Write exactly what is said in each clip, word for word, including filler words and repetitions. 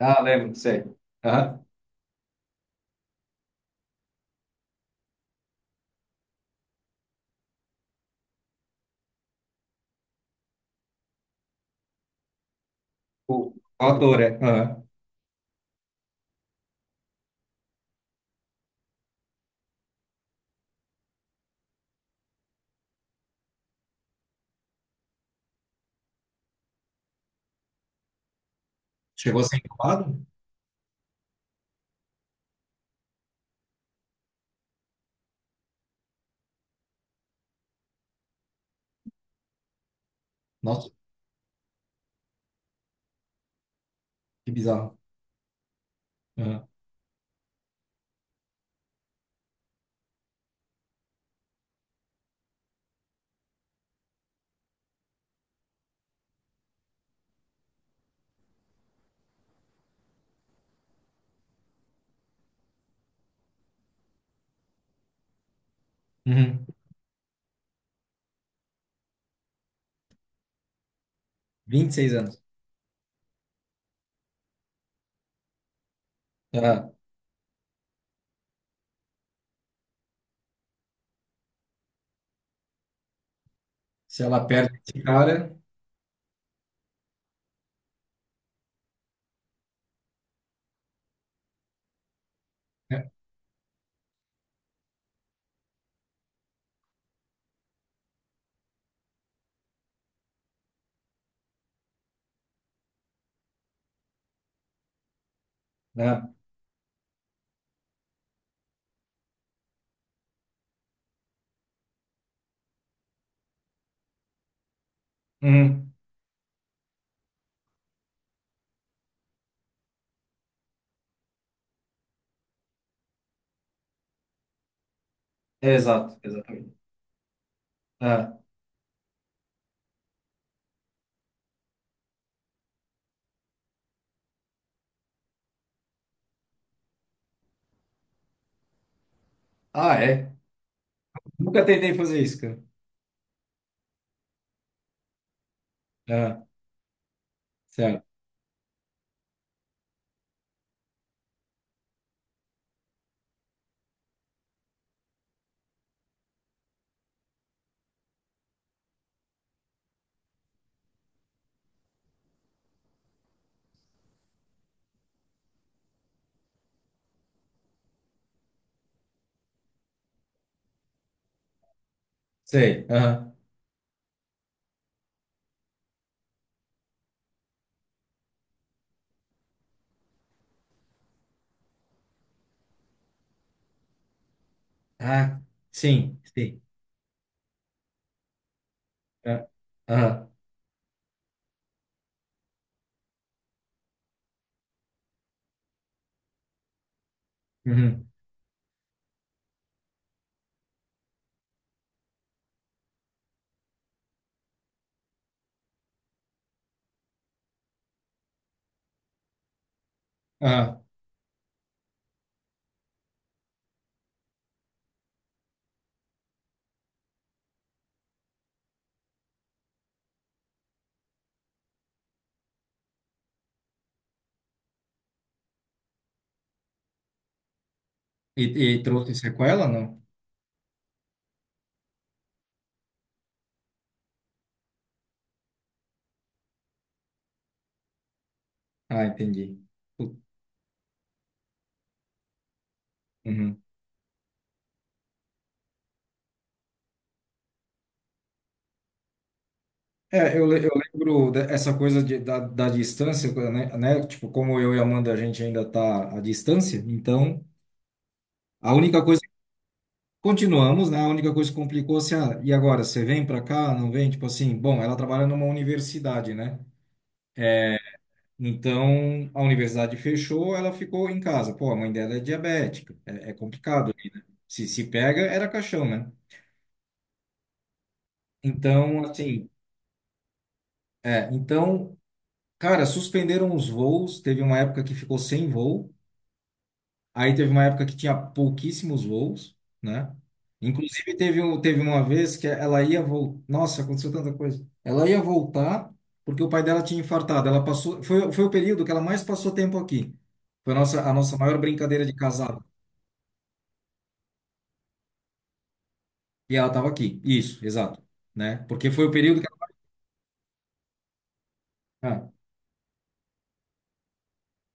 Ah, lembro, sei. Aham. O, o autor, é. Aham. Chegou a ser incubado? Nossa, que bizarro. Aham. Uhum. Vinte e seis anos. Aham. Se ela perde esse cara, né? Aham. Uhum. Exato, exatamente. Aham. Ah, é? Nunca tentei fazer isso, cara. Aham. Certo. Sei. Aham. Ah, sim, sim. Aham. Aham. Uhum. Ah, e, e trouxe sequela? Não. Ah, entendi. Uhum. É, eu, le- eu lembro de- essa coisa de- da, da distância, né, né? Tipo, como eu e a Amanda, a gente ainda tá à distância, então a única coisa, continuamos, né? A única coisa que complicou, se ah, e agora, você vem para cá, não vem? Tipo assim, bom, ela trabalha numa universidade, né? É, então a universidade fechou, ela ficou em casa. Pô, a mãe dela é diabética, é, é complicado. Se se pega, era caixão, né? Então, assim, é, então, cara, suspenderam os voos, teve uma época que ficou sem voo. Aí teve uma época que tinha pouquíssimos voos, né? Inclusive teve, um- teve uma vez que ela ia voltar. Nossa, aconteceu tanta coisa. Ela ia voltar porque o pai dela tinha infartado. Ela passou, foi, foi o período que ela mais passou tempo aqui. Foi a nossa, a nossa maior brincadeira de casado. E ela estava aqui. Isso, exato, né? Porque foi o período que ela... ah,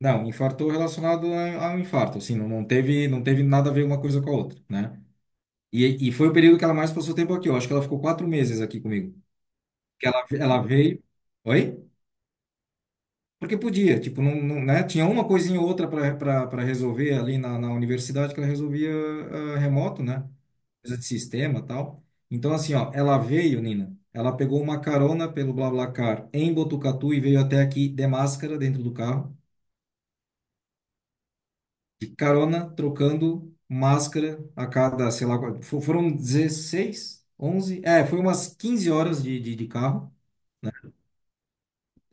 não, infartou relacionado a- ao infarto, assim, não, não teve, não teve nada a ver uma coisa com a outra, né? E, e foi o período que ela mais passou tempo aqui. Eu acho que ela ficou quatro meses aqui comigo. Que ela, ela veio. Oi? Porque podia, tipo, não, não, né? Tinha uma coisinha ou outra para resolver ali na, na universidade que ela resolvia ah, remoto, né? Coisa de sistema e tal. Então, assim, ó, ela veio, Nina, ela pegou uma carona pelo BlaBlaCar em Botucatu e veio até aqui de máscara dentro do carro, de carona, trocando máscara a cada, sei lá, qual- fo- foram dezesseis, onze, é, foi umas quinze horas de, de, de carro, né?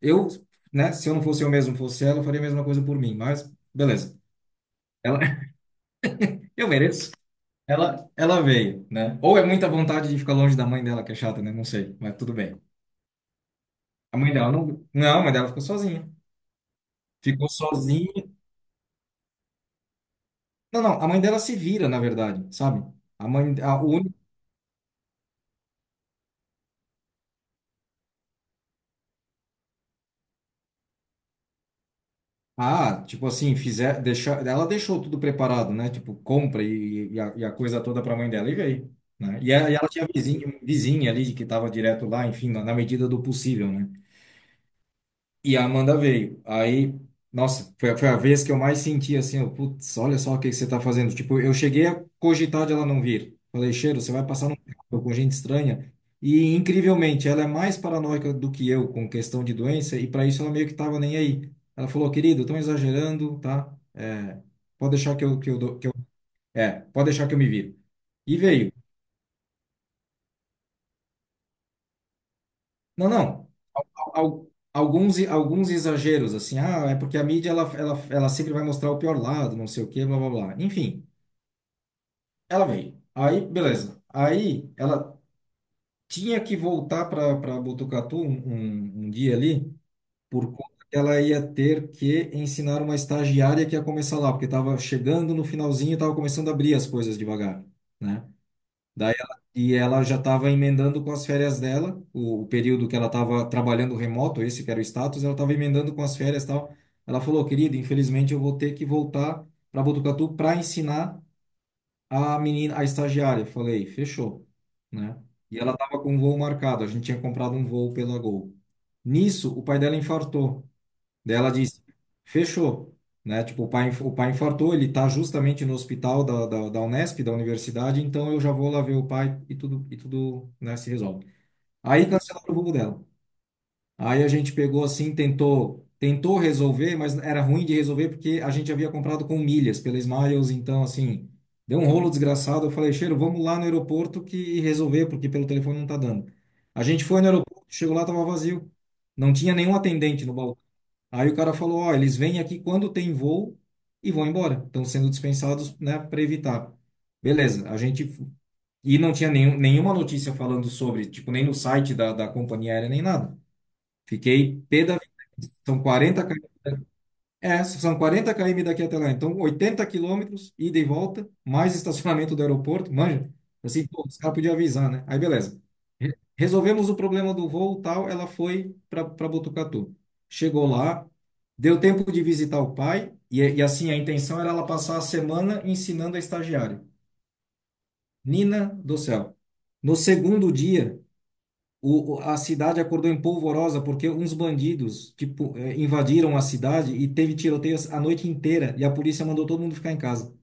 Eu, né, se eu não fosse eu mesmo, fosse ela, eu faria a mesma coisa por mim, mas beleza. Ela, eu mereço. Ela, ela veio, né? Ou é muita vontade de ficar longe da mãe dela, que é chata, né? Não sei, mas tudo bem. A mãe dela não, não, a mãe dela ficou sozinha. Ficou sozinha. Não, não, a mãe dela se vira, na verdade, sabe? A mãe, a única, ah, tipo assim, fizer, deixar, ela deixou tudo preparado, né? Tipo, compra e, e a, e a coisa toda para a mãe dela e veio, né? E ela, e ela tinha vizinha, vizinha ali que estava direto lá, enfim, na na medida do possível, né? E a Amanda veio. Aí, nossa, foi, a- foi a vez que eu mais senti assim, eu, putz, olha só o que que você tá fazendo. Tipo, eu cheguei a cogitar de ela não vir. Falei, Cheiro, você vai passar num carro com gente estranha. E, incrivelmente, ela é mais paranoica do que eu com questão de doença, e para isso ela meio que tava nem aí. Ela falou, querido, estão exagerando, tá? É, pode deixar que eu, que eu, dou- que eu, é, pode deixar que eu me viro. E veio. Não, não. al- alguns, alguns exageros, assim, ah, é porque a mídia ela, ela, ela sempre vai mostrar o pior lado, não sei o quê, blá blá blá. Enfim, ela veio. Aí, beleza. Aí ela tinha que voltar para Botucatu um, um, um dia ali, por conta que ela ia ter que ensinar uma estagiária que ia começar lá, porque estava chegando no finalzinho e estava começando a abrir as coisas devagar, né? Daí ela, e ela já estava emendando com as férias dela, o, o período que ela estava trabalhando remoto, esse que era o status, ela estava emendando com as férias e tal. Ela falou, querido, infelizmente eu vou ter que voltar para Botucatu para ensinar a menina, a estagiária. Eu falei, fechou, né? E ela estava com um voo marcado, a gente tinha comprado um voo pela Gol. Nisso, o pai dela infartou. Daí ela disse, fechou, né? Tipo, o pai, inf- o pai infartou, ele tá justamente no hospital da, da, da Unesp, da universidade, então eu já vou lá ver o pai e tudo, e tudo, né, se resolve. Aí cancelaram o voo dela. Aí a gente pegou assim, tentou, tentou resolver, mas era ruim de resolver porque a gente havia comprado com milhas pela Smiles, então assim, deu um rolo desgraçado. Eu falei, Cheiro, vamos lá no aeroporto que resolver, porque pelo telefone não tá dando. A gente foi no aeroporto, chegou lá, tava vazio. Não tinha nenhum atendente no balcão. Aí o cara falou, ó, eles vêm aqui quando tem voo e vão embora. Estão sendo dispensados, né, para evitar. Beleza, a gente... E não tinha nenhum, nenhuma notícia falando sobre, tipo, nem no site da, da companhia aérea, nem nada. Fiquei pé da vida. São quarenta, é, são quarenta km daqui até lá. Então, oitenta quilômetros, ida e volta, mais estacionamento do aeroporto, manja. Assim, pô, os caras podiam avisar, né? Aí, beleza. Re- Resolvemos o problema do voo, tal, ela foi para Botucatu. Chegou lá, deu tempo de visitar o pai, e, e assim, a intenção era ela passar a semana ensinando a estagiária. Nina do céu. No segundo dia, o, o- a cidade acordou em polvorosa porque uns bandidos, tipo, eh, invadiram a cidade e teve tiroteios a noite inteira e a polícia mandou todo mundo ficar em casa.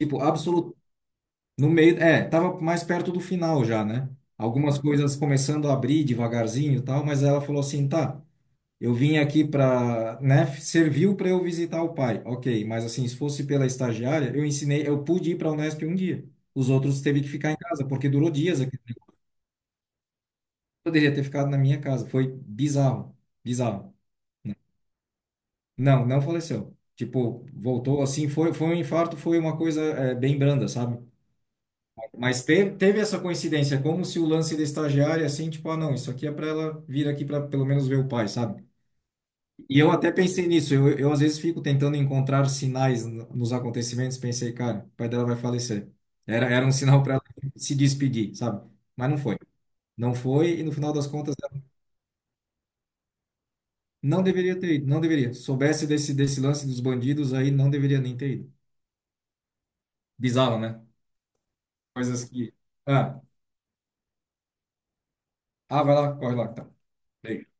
Tipo, absoluto. No meio, é, tava mais perto do final já, né? Algumas coisas começando a abrir devagarzinho e tal, mas ela falou assim, tá, eu vim aqui pra, né, serviu para eu visitar o pai. Ok, mas assim, se fosse pela estagiária, eu ensinei, eu pude ir pra Unesp um dia. Os outros teve que ficar em casa, porque durou dias. Poderia ter ficado na minha casa. Foi bizarro, bizarro. Não, não faleceu. Tipo, voltou assim, foi, foi um infarto, foi uma coisa, é, bem branda, sabe? Mas teve, teve essa coincidência, é como se o lance da estagiária, assim, tipo, ah, não, isso aqui é para ela vir aqui para pelo menos ver o pai, sabe? E eu até pensei nisso, eu, eu às vezes fico tentando encontrar sinais n- nos acontecimentos, pensei, cara, o pai dela vai falecer. Era, era um sinal para ela se despedir, sabe? Mas não foi. Não foi, e no final das contas. Não deveria ter ido, não deveria. Soubesse desse, desse lance dos bandidos aí, não deveria nem ter ido. Bizarro, né? Coisas que. Ah, ah, vai lá, corre lá, tá. Beijo.